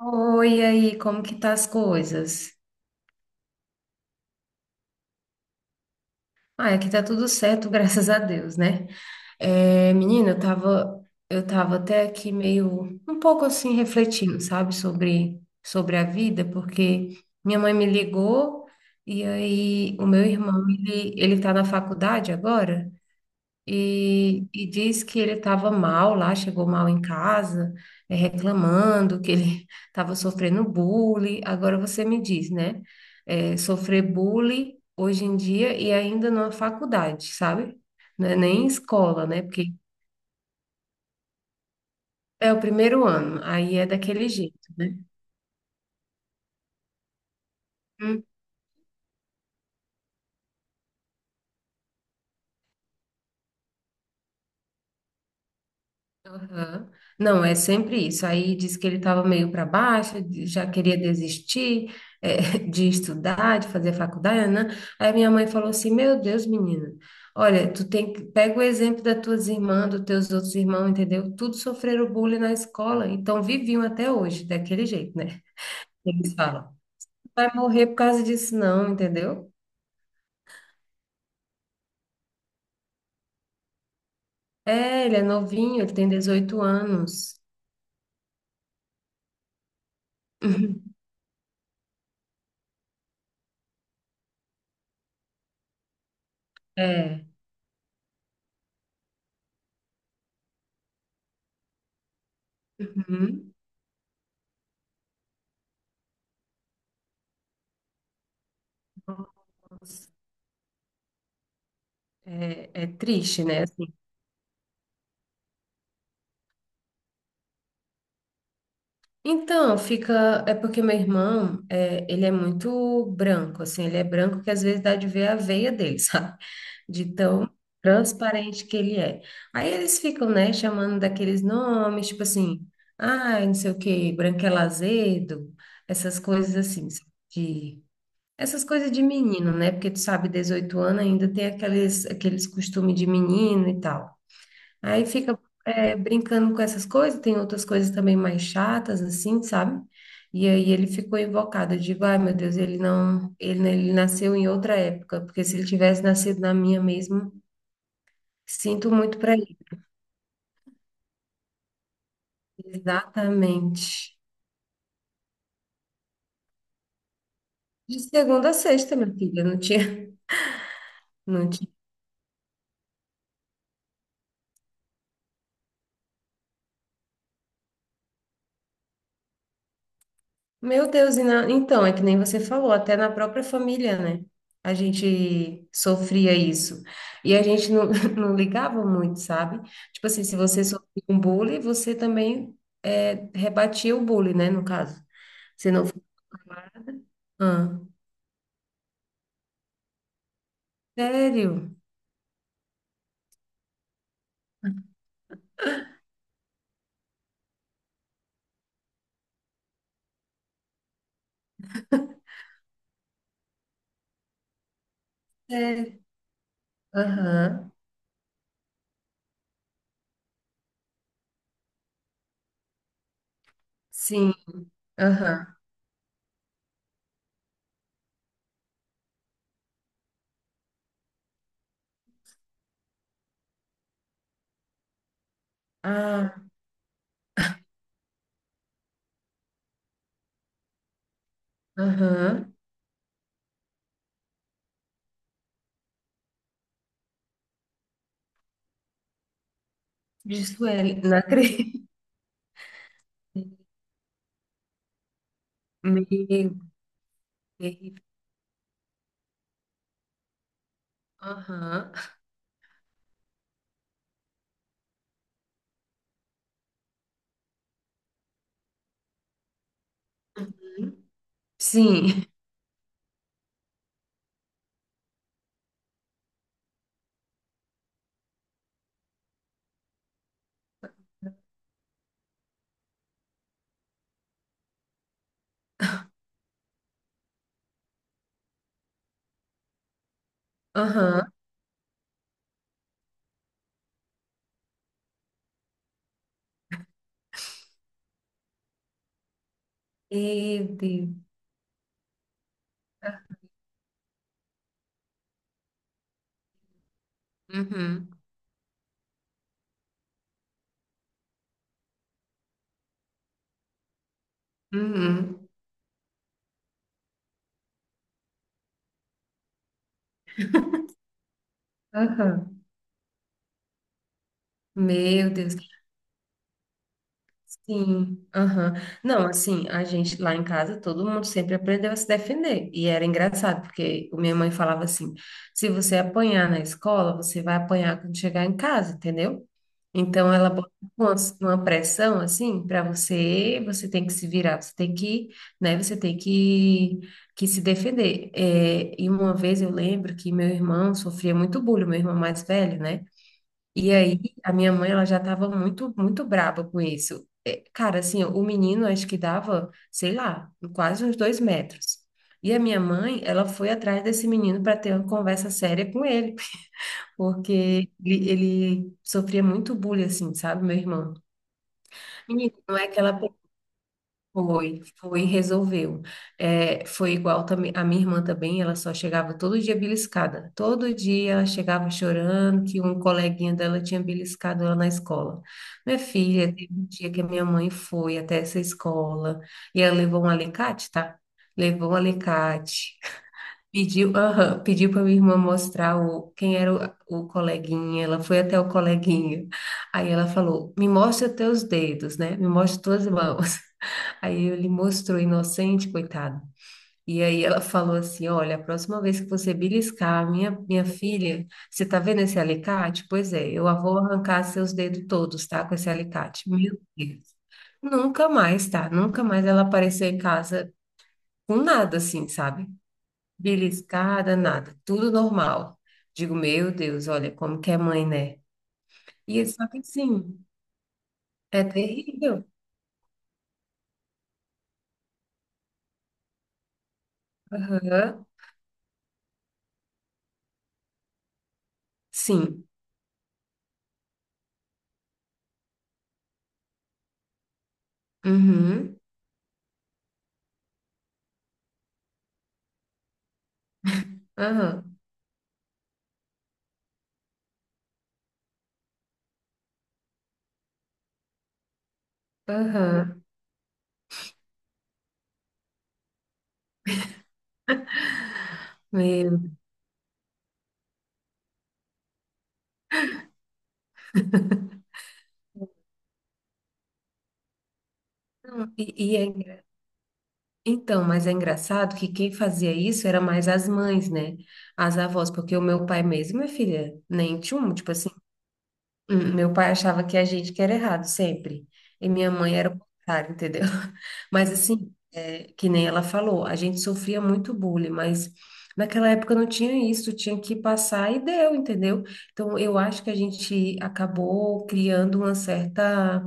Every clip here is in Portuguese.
Oi, e aí, como que tá as coisas? Ah, aqui tá tudo certo, graças a Deus, né? É, menina, eu tava até aqui meio, um pouco assim, refletindo, sabe, sobre a vida, porque minha mãe me ligou e aí o meu irmão, ele tá na faculdade agora. E diz que ele estava mal lá, chegou mal em casa, reclamando que ele estava sofrendo bullying. Agora você me diz, né? Sofrer bullying hoje em dia e ainda numa faculdade, sabe? Não é nem escola, né? Porque é o primeiro ano, aí é daquele jeito, né? Aham. Não, é sempre isso. Aí disse que ele estava meio para baixo, já queria desistir, eh, de estudar, de fazer faculdade, né? Aí minha mãe falou assim: Meu Deus, menina, olha, tu tem que pega o exemplo das tuas irmãs, dos teus outros irmãos, entendeu? Tudo sofreram bullying na escola, então viviam até hoje, daquele jeito, né? Eles falam: Vai morrer por causa disso, não, entendeu? É, ele é novinho, ele tem 18 anos. É. Uhum. É, é triste, né? Então, fica. É porque meu irmão, é, ele é muito branco, assim, ele é branco que às vezes dá de ver a veia dele, sabe? De tão transparente que ele é. Aí eles ficam, né, chamando daqueles nomes, tipo assim, ai, não sei o quê, branquelo azedo, essas coisas assim, de. Essas coisas de menino, né? Porque tu sabe, 18 anos ainda tem aqueles costumes de menino e tal. Aí fica brincando com essas coisas, tem outras coisas também mais chatas, assim, sabe? E aí ele ficou invocado, eu digo, ai meu Deus, ele não, ele, né, ele nasceu em outra época, porque se ele tivesse nascido na minha mesmo, sinto muito para ele. Exatamente. De segunda a sexta, minha filha, não tinha. Não. Meu Deus, e então, é que nem você falou, até na própria família, né? A gente sofria isso. E a gente não, não ligava muito, sabe? Tipo assim, se você sofria um bullying, você também rebatia o bullying, né? No caso. Você não. Ah, sério? Sério? Aham. Sim, aham. Ah, aham. Gisele, não acredito. Meu, terrível. Aham. Uhum. Sim, aham. Meu Deus. Uhum, uhum, uhum. Meu Deus, sim, aham. Não, assim, a gente lá em casa, todo mundo sempre aprendeu a se defender. E era engraçado, porque o minha mãe falava assim: se você apanhar na escola, você vai apanhar quando chegar em casa, entendeu? Então ela bota uma, uma pressão assim para você, você tem que se virar, você tem que, né, você tem que se defender. É, e uma vez eu lembro que meu irmão sofria muito bullying, meu irmão mais velho, né? E aí, a minha mãe, ela já estava muito, muito braba com isso. É, cara, assim, o menino, acho que dava, sei lá, quase uns 2 metros. E a minha mãe, ela foi atrás desse menino para ter uma conversa séria com ele, porque ele sofria muito bullying, assim, sabe, meu irmão? Menino, não é aquela foi, foi, resolveu. É, foi igual também, a minha irmã também, ela só chegava todo dia beliscada. Todo dia ela chegava chorando que um coleguinha dela tinha beliscado ela na escola. Minha filha, teve um dia que a minha mãe foi até essa escola e ela levou um alicate, tá? Levou um alicate. Pediu, aham, pediu para minha irmã mostrar o, quem era o coleguinha. Ela foi até o coleguinha. Aí ela falou: Me mostra teus dedos, né? Me mostra tuas mãos. Aí ele mostrou inocente, coitado. E aí ela falou assim: Olha, a próxima vez que você beliscar a minha filha, você tá vendo esse alicate? Pois é, eu vou arrancar seus dedos todos, tá? Com esse alicate. Meu Deus. Nunca mais, tá? Nunca mais ela apareceu em casa com nada assim, sabe? Beliscada, nada. Tudo normal. Digo, meu Deus, olha como que é mãe, né? E ele só que assim, é terrível. Aham. Sim. Uhum. Aham. Aham. Meu, não. Então, mas é engraçado que quem fazia isso era mais as mães, né? As avós, porque o meu pai mesmo, minha filha, nem tinha um, tipo assim, meu pai achava que a gente que era errado sempre, e minha mãe era o contrário, entendeu? Mas assim, que nem ela falou, a gente sofria muito bullying, mas naquela época não tinha isso, tinha que passar e deu, entendeu? Então, eu acho que a gente acabou criando uma certa,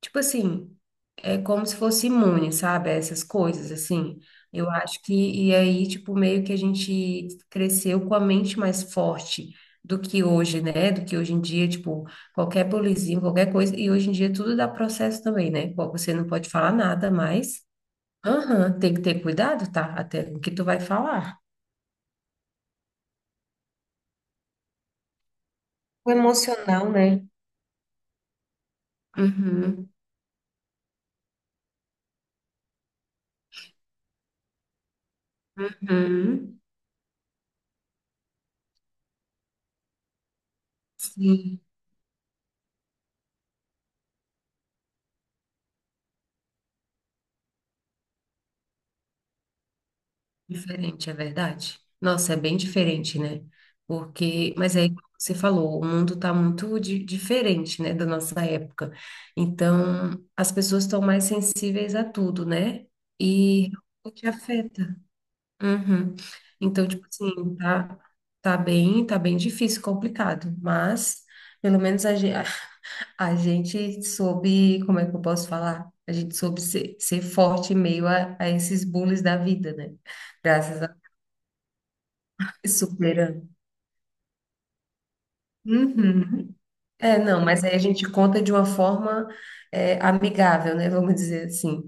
tipo assim, é como se fosse imune, sabe, a essas coisas, assim. Eu acho que, e aí, tipo, meio que a gente cresceu com a mente mais forte do que hoje, né? Do que hoje em dia, tipo, qualquer bolizinho, qualquer coisa. E hoje em dia tudo dá processo também, né? Bom, você não pode falar nada mais. Aham, tem que ter cuidado, tá? Até o que tu vai falar. O emocional, né? Uhum, uhum. Sim. Diferente, é verdade. Nossa, é bem diferente, né? Porque, mas aí, como você falou, o mundo está muito diferente, né, da nossa época. Então, as pessoas estão mais sensíveis a tudo, né? E o que afeta. Uhum. Então, tipo assim, tá, tá bem difícil, complicado, mas pelo menos a gente soube, como é que eu posso falar? A gente soube ser forte em meio a esses bullies da vida, né? Graças Supera. Uhum. É, não, mas aí a gente conta de uma forma amigável, né? Vamos dizer assim.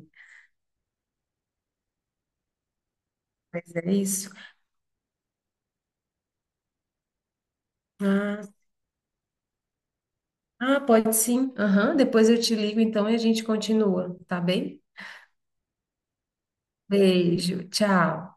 Mas é isso. Ah, ah, pode sim. Aham, depois eu te ligo, então, e a gente continua, tá bem? Beijo, tchau.